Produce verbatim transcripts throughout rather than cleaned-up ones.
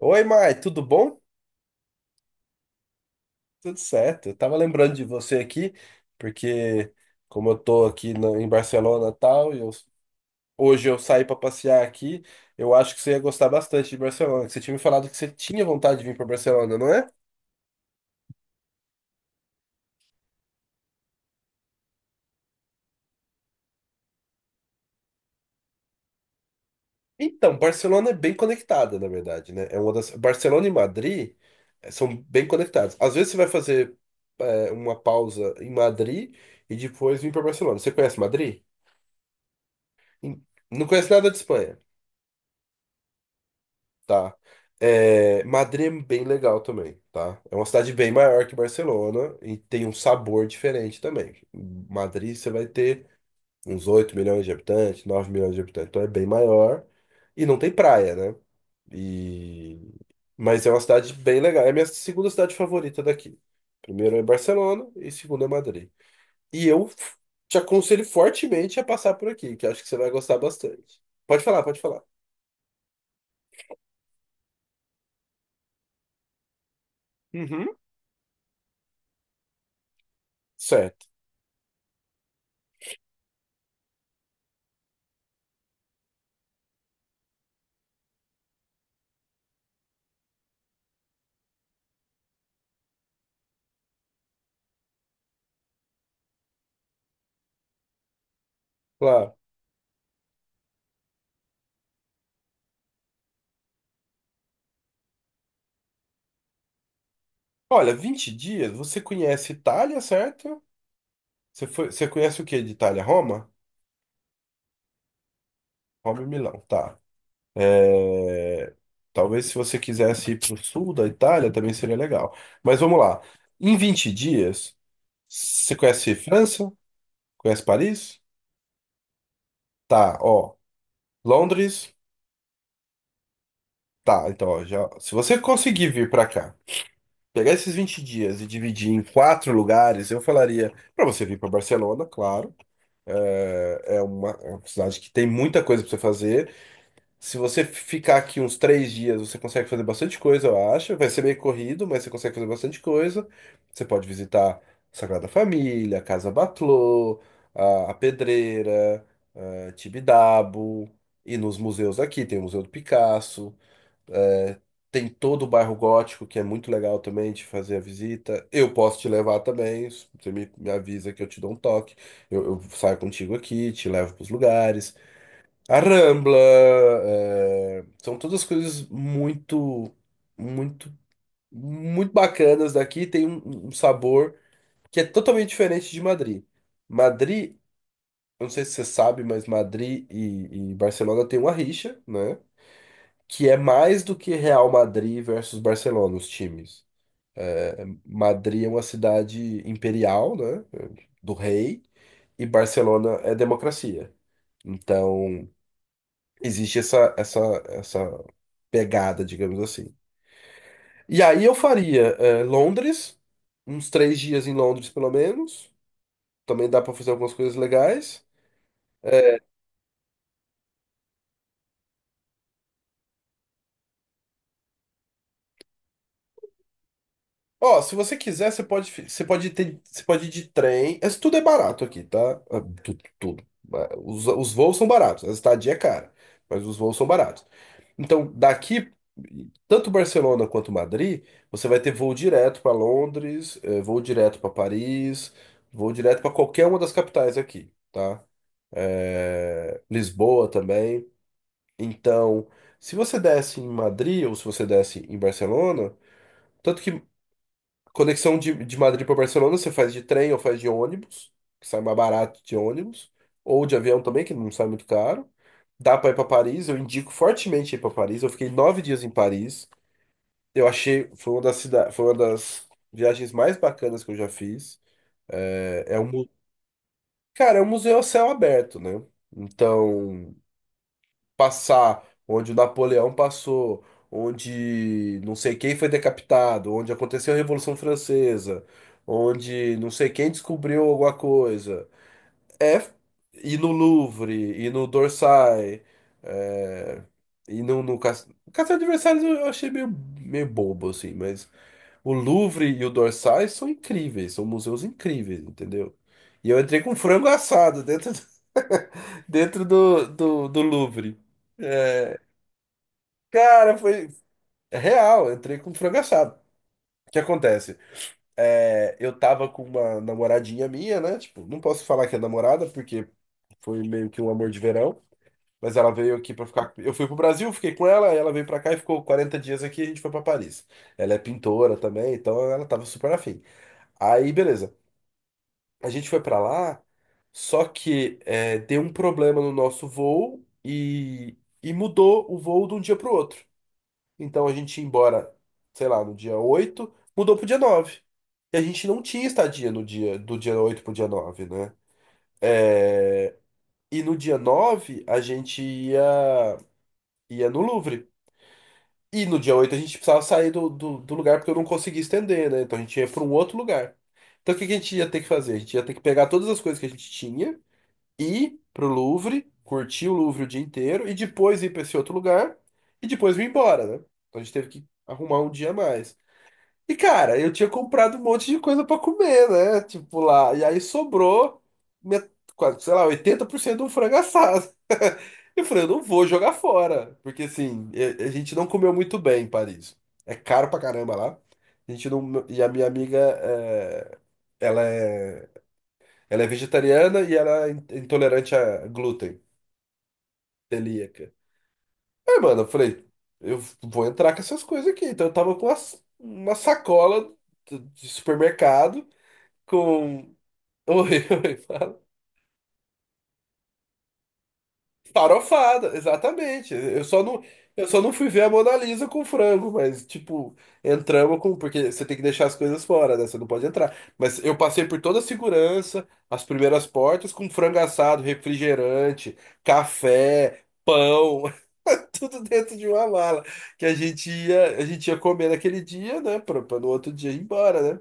Oi, Mai, tudo bom? Tudo certo. Eu tava lembrando de você aqui, porque como eu tô aqui na- em Barcelona e tal, e eu- hoje eu saí para passear aqui, eu acho que você ia gostar bastante de Barcelona. Que Você tinha me falado que você tinha vontade de vir para Barcelona, não é? Então, Barcelona é bem conectada, na verdade, né? É uma das. Barcelona e Madrid eh, são bem conectados. Às vezes você vai fazer eh, uma pausa em Madrid e depois vir para Barcelona. Você conhece Madrid? Em- Não conhece nada de Espanha. Tá. É, Madrid é bem legal também, tá? É uma cidade bem maior que Barcelona e tem um sabor diferente também. Madrid você vai ter uns oito milhões de habitantes, nove milhões de habitantes, então é bem maior e não tem praia, né? E. Mas é uma cidade bem legal. É a minha segunda cidade favorita daqui. Primeiro é Barcelona e segundo é Madrid. E eu f- Te aconselho fortemente a passar por aqui, que eu acho que você vai gostar bastante. Pode falar, pode falar. Uhum. Certo, claro. Olha, vinte dias, você conhece Itália, certo? Você foi, você conhece o que de Itália? Roma? Roma e Milão, tá. É, Talvez se você quisesse ir para o sul da Itália também seria legal. Mas vamos lá. Em vinte dias, você conhece França? Conhece Paris? Tá, ó. Londres? Tá, então, ó, já, se você conseguir vir para cá, pegar esses vinte dias e dividir em quatro lugares, eu falaria para você vir para Barcelona, claro. É é uma, é uma cidade que tem muita coisa para você fazer. Se você ficar aqui uns três dias, você consegue fazer bastante coisa, eu acho. Vai ser meio corrido, mas você consegue fazer bastante coisa. Você pode visitar Sagrada Família, Casa Batlló, a, a Pedreira, a Tibidabo, e nos museus aqui. Tem o Museu do Picasso, tem todo o bairro gótico, que é muito legal também de fazer a visita. Eu posso te levar também. Você me, me avisa que eu te dou um toque. Eu, eu saio contigo aqui, te levo para os lugares. A Rambla, é, são todas coisas muito, muito, muito bacanas daqui. Tem um, um sabor que é totalmente diferente de Madrid. Madrid, eu não sei se você sabe, mas Madrid e, e Barcelona tem uma rixa, né? Que é mais do que Real Madrid versus Barcelona, os times. Madrid é uma cidade imperial, né? Do rei, e Barcelona é democracia. Então. Existe essa, essa, essa pegada, digamos assim. E aí eu faria eh, Londres, uns três dias em Londres pelo menos. Também dá para fazer algumas coisas legais. Eh, Ó, se você quiser, você pode, fi- você pode ter, você pode ir de trem. Isso tudo é barato aqui, tá? Ah, tudo, tudo. Ah, Os, os voos são baratos, a estadia é cara, mas os voos são baratos. Então, daqui, tanto Barcelona quanto Madrid, você vai ter voo direto para Londres, eh, voo direto para Paris, voo direto para qualquer uma das capitais aqui, tá? Eh, Lisboa também. Então, se você desce em Madrid ou se você desce em Barcelona, tanto que conexão de, de Madrid para Barcelona você faz de trem ou faz de ônibus, que sai mais barato de ônibus, ou de avião também, que não sai muito caro. Dá para ir para Paris, eu indico fortemente ir para Paris. Eu fiquei nove dias em Paris. Eu achei, foi uma das cida- foi uma das viagens mais bacanas que eu já fiz. É, é um, mu- Cara, é um museu a céu aberto, né? Então, passar onde o Napoleão passou, onde não sei quem foi decapitado, onde aconteceu a Revolução Francesa, onde não sei quem descobriu alguma coisa. É ir no Louvre, ir no Dorsay, é, ir no, no Cas- Castelo de Versalhes eu achei meio, meio bobo, assim, mas o Louvre e o Dorsais são incríveis, são museus incríveis, entendeu? E eu entrei com frango assado dentro do, dentro do, do, do Louvre. É, Cara, foi é real, eu entrei com frango assado. O que acontece? É, eu tava com uma namoradinha minha, né? Tipo, não posso falar que é namorada, porque foi meio que um amor de verão. Mas ela veio aqui pra ficar. Eu fui pro Brasil, fiquei com ela, ela veio pra cá e ficou quarenta dias aqui, a gente foi pra Paris. Ela é pintora também, então ela tava super afim. Aí, beleza. A gente foi pra lá, só que é, deu um problema no nosso voo e, e mudou o voo de um dia pro outro. Então a gente ia embora, sei lá, no dia oito mudou pro dia nove. E a gente não tinha estadia no dia do dia oito pro dia nove, né? E no dia nove a gente ia, ia no Louvre. E no dia oito a gente precisava sair do, do, do lugar porque eu não conseguia estender, né? Então a gente ia pra um outro lugar. Então o que que a gente ia ter que fazer? A gente ia ter que pegar todas as coisas que a gente tinha ir pro Louvre, curtir o Louvre o dia inteiro e depois ir para esse outro lugar e depois vir embora, né? Então a gente teve que arrumar um dia a mais. E cara, eu tinha comprado um monte de coisa para comer, né? Tipo lá, e aí sobrou met- quase, sei lá, oitenta por cento de um frango assado. Eu falei, eu não vou jogar fora, porque assim, e- a gente não comeu muito bem em Paris. É caro pra caramba lá. A gente não, e a minha amiga, é, ela é, ela é vegetariana e ela é in- intolerante a glúten. Celíaca. Aí, mano, eu falei, eu vou entrar com essas coisas aqui. Então eu tava com uma, uma sacola de de supermercado com. Oi, oi, fala. Farofada, exatamente. Eu só não, eu só não fui ver a Mona Lisa com frango, mas, tipo, entramos com. Porque você tem que deixar as coisas fora, né? Você não pode entrar. Mas eu passei por toda a segurança, as primeiras portas, com frango assado, refrigerante, café, pão, tudo dentro de uma mala. Que a gente ia, a gente ia comer naquele dia, né? Pra, pra no outro dia ir embora, né?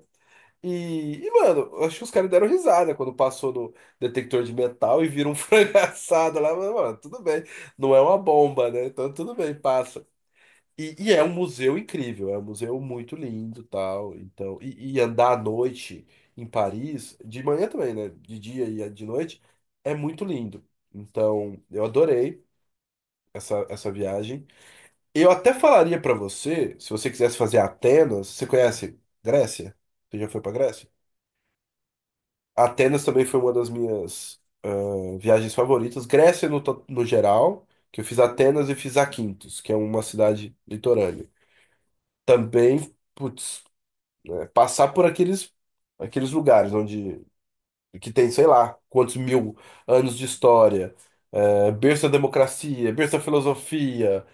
E, e, mano, eu acho que os caras deram risada quando passou no detector de metal e viram um frango assado lá. Mas, mano, tudo bem. Não é uma bomba, né? Então tudo bem, passa. E, e é um museu incrível, é um museu muito lindo, tal. Então, e, e andar à noite em Paris, de manhã também, né? De dia e de noite, é muito lindo. Então, eu adorei essa, essa viagem. Eu até falaria pra você, se você quisesse fazer Atenas, você conhece Grécia? Você já foi pra Grécia? Atenas também foi uma das minhas ah, viagens favoritas. Grécia no, to- no geral, que eu fiz Atenas e fiz Aquintos, que é uma cidade litorânea. Também, putz, é, passar por aqueles, aqueles lugares onde que tem, sei lá, quantos mil anos de história, é, berço da democracia, berço da filosofia.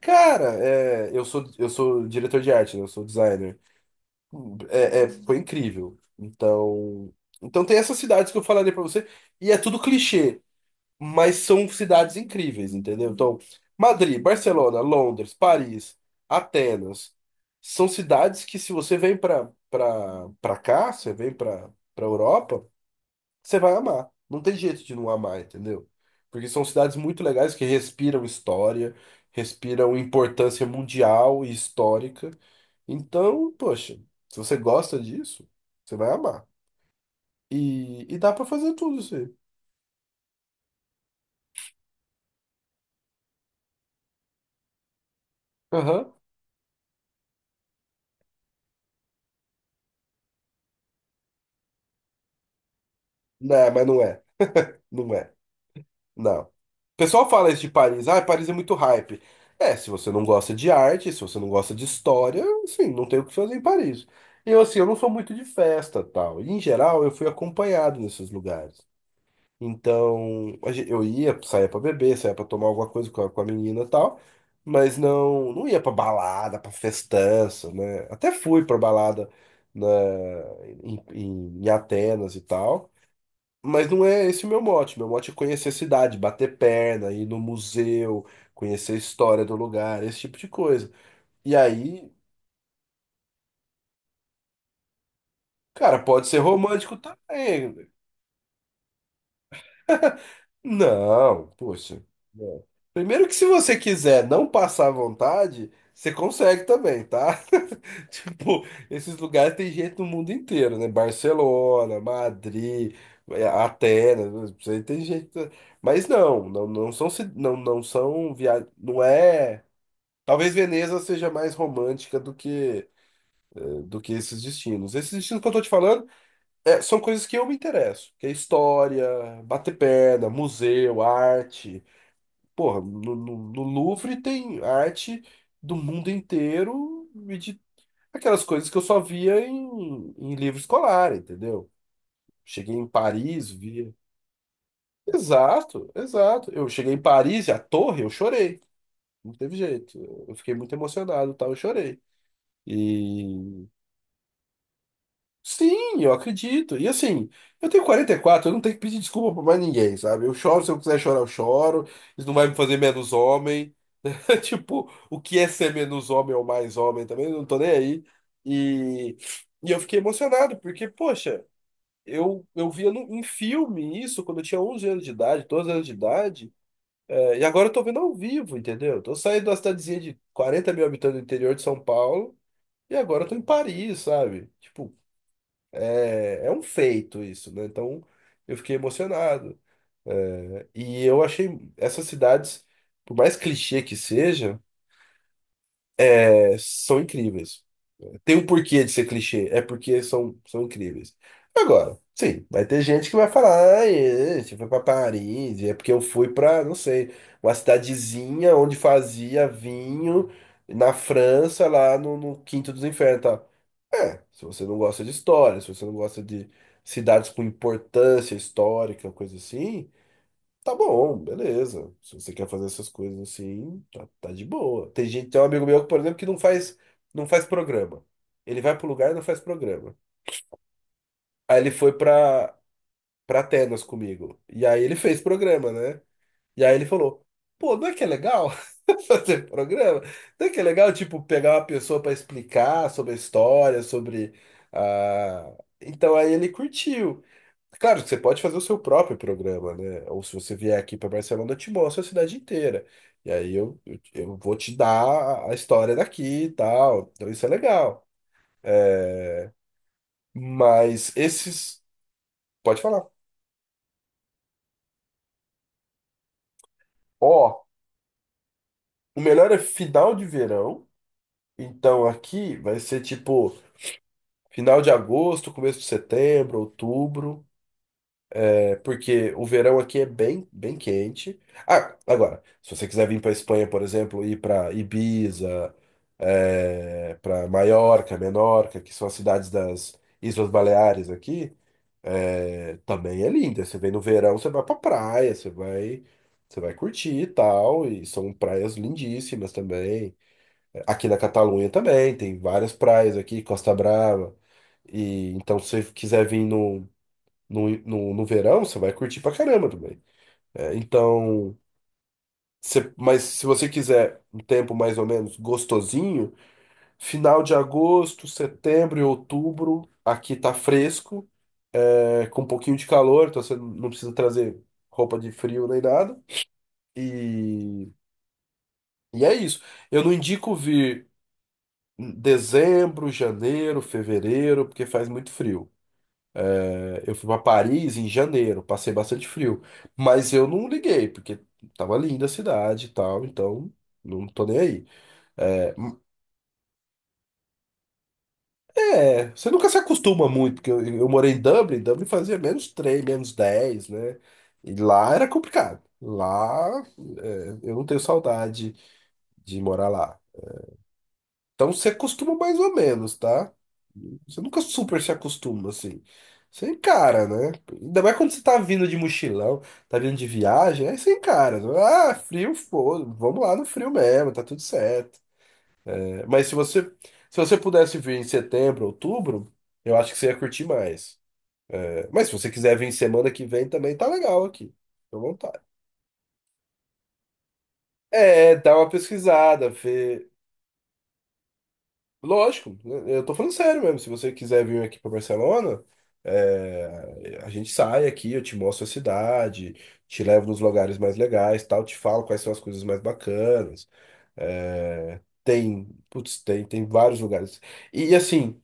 Cara, é, eu sou, eu sou diretor de arte, né? Eu sou designer. É, é, foi incrível. Então, então tem essas cidades que eu falarei pra você, e é tudo clichê, mas são cidades incríveis, entendeu? Então, Madrid, Barcelona, Londres, Paris, Atenas, são cidades que se você vem pra para para cá, você vem pra para Europa, você vai amar. Não tem jeito de não amar, entendeu? Porque são cidades muito legais que respiram história, respiram importância mundial e histórica. Então, poxa, se você gosta disso, você vai amar. E, e dá pra fazer tudo isso aí. Aham. Não, é, mas não é. Não é. Não. O pessoal fala isso de Paris, ah, Paris é muito hype. É, se você não gosta de arte, se você não gosta de história, assim, não tem o que fazer em Paris. E eu, assim, eu não sou muito de festa, tal. E, em geral, eu fui acompanhado nesses lugares. Então, a gen- eu ia, saía pra beber, saía pra tomar alguma coisa com a, com a menina, e tal, mas não, não ia pra balada, pra festança, né? Até fui pra balada na, em, em em Atenas e tal. Mas não é esse o meu mote. Meu mote é conhecer a cidade, bater perna, ir no museu, conhecer a história do lugar, esse tipo de coisa. E aí, cara, pode ser romântico também. Não, poxa. Não. Primeiro que se você quiser não passar vontade, você consegue também, tá? Tipo, esses lugares tem gente no mundo inteiro, né? Barcelona, Madrid, eh, Atenas, isso aí tem gente. Mas não, não, não são, ci- não, não são viagens. Não é. Talvez Veneza seja mais romântica do que eh, do que esses destinos. Esses destinos que eu tô te falando eh, são coisas que eu me interesso, que é história, bater perna, museu, arte. Porra, no, no- no Louvre tem arte do mundo inteiro e de aquelas coisas que eu só via em, em livro escolar, entendeu? Cheguei em Paris, via. Exato, exato. Eu cheguei em Paris e a torre, eu chorei. Não teve jeito. Eu fiquei muito emocionado, e tal, eu chorei. E sim, eu acredito. E assim, eu tenho quarenta e quatro, eu não tenho que pedir desculpa pra mais ninguém, sabe? Eu choro, se eu quiser chorar, eu choro. Isso não vai me fazer menos homem. Tipo, o que é ser menos homem ou mais homem também, eu não tô nem aí. E, e eu fiquei emocionado, porque, poxa, eu, eu via no- em filme isso quando eu tinha onze anos de idade, doze anos de idade, é, e agora eu tô vendo ao vivo, entendeu? Eu tô saindo da cidadezinha de quarenta mil habitantes do interior de São Paulo, e agora eu tô em Paris, sabe? Tipo, é um feito isso, né? Então eu fiquei emocionado. E eu achei essas cidades, por mais clichê que seja, é, são incríveis. Tem um porquê de ser clichê, é porque são, são incríveis. Agora, sim, vai ter gente que vai falar, ah, é, você foi pra Paris, é porque eu fui pra, não sei, uma cidadezinha onde fazia vinho na França, lá no, no Quinto dos Infernos, tal. É, se você não gosta de história, se você não gosta de cidades com importância histórica, coisa assim, tá bom, beleza. Se você quer fazer essas coisas assim, tá, tá de boa. Tem gente, tem um amigo meu, por exemplo, que não faz, não faz programa. Ele vai pro lugar e não faz programa. Aí ele foi pra, pra Atenas comigo. E aí ele fez programa, né? E aí ele falou: pô, não é que é legal fazer programa? Não é que é legal, tipo, pegar uma pessoa para explicar sobre a história, sobre. Ah... Então aí ele curtiu. Claro que você pode fazer o seu próprio programa, né? Ou se você vier aqui para Barcelona, eu te mostro a cidade inteira. E aí eu, eu, eu vou te dar a a história daqui e tal. Então isso é legal. Mas esses. Pode falar. Ó, o melhor é final de verão. Então aqui vai ser tipo. Final de agosto, começo de setembro, outubro, é, porque o verão aqui é bem, bem quente. Ah, agora, se você quiser vir para Espanha, por exemplo, ir para Ibiza, é, para Maiorca, Menorca, que são as cidades das Islas Baleares aqui, é, também é linda. Você vem no verão, você vai para praia, você vai, você vai curtir e tal, e são praias lindíssimas também. Aqui na Catalunha também, tem várias praias aqui, Costa Brava. E então, se você quiser vir no, no, no, no verão, você vai curtir pra caramba também. É, então, você- mas se você quiser um tempo mais ou menos gostosinho, final de agosto, setembro e outubro, aqui tá fresco, é, com um pouquinho de calor, então você não precisa trazer roupa de frio nem nada. E, e é isso. Eu não indico vir. Dezembro, janeiro, fevereiro, porque faz muito frio. É, eu fui para Paris em janeiro, passei bastante frio, mas eu não liguei, porque tava linda a cidade e tal, então não tô nem aí. É, é, você nunca se acostuma muito, porque eu, eu morei em Dublin, Dublin fazia menos três menos dez, né? E lá era complicado. Lá, é, eu não tenho saudade de morar lá. Então você acostuma mais ou menos, tá? Você nunca super se acostuma, assim. Você encara, né? Ainda mais quando você tá vindo de mochilão, tá vindo de viagem, aí você encara. Ah, frio, foda, vamos lá no frio mesmo, tá tudo certo. É, Mas se você, se você pudesse vir em setembro, outubro, eu acho que você ia curtir mais. É, mas se você quiser vir semana que vem também, tá legal aqui. Fica à vontade. É, dá uma pesquisada, vê. Lógico, né? Eu tô falando sério mesmo. Se você quiser vir aqui para Barcelona, é, a gente sai aqui, eu te mostro a cidade, te levo nos lugares mais legais, tal, te falo quais são as coisas mais bacanas. É, tem, putz, tem, tem vários lugares. E, e, assim,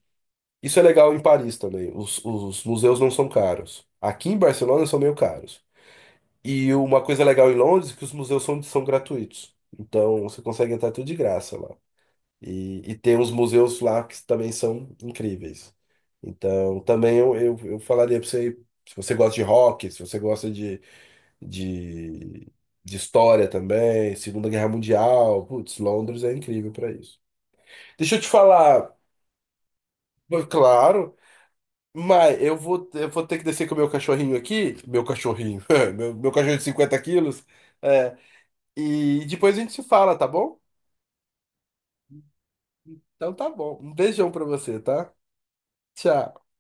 isso é legal em Paris também. Os, os museus não são caros. Aqui em Barcelona são meio caros. E uma coisa legal em Londres é que os museus são, são gratuitos. Então você consegue entrar tudo de graça lá. E, e tem uns museus lá que também são incríveis. Então, também eu, eu, eu falaria para você, se você gosta de rock, se você gosta de, de, de história também, Segunda Guerra Mundial, putz, Londres é incrível para isso. Deixa eu te falar, claro, mas eu vou, eu vou ter que descer com o meu cachorrinho aqui, meu cachorrinho, meu, meu cachorro de cinquenta quilos, é, e depois a gente se fala, tá bom? Então tá bom. Um beijão para você, tá? Tchau.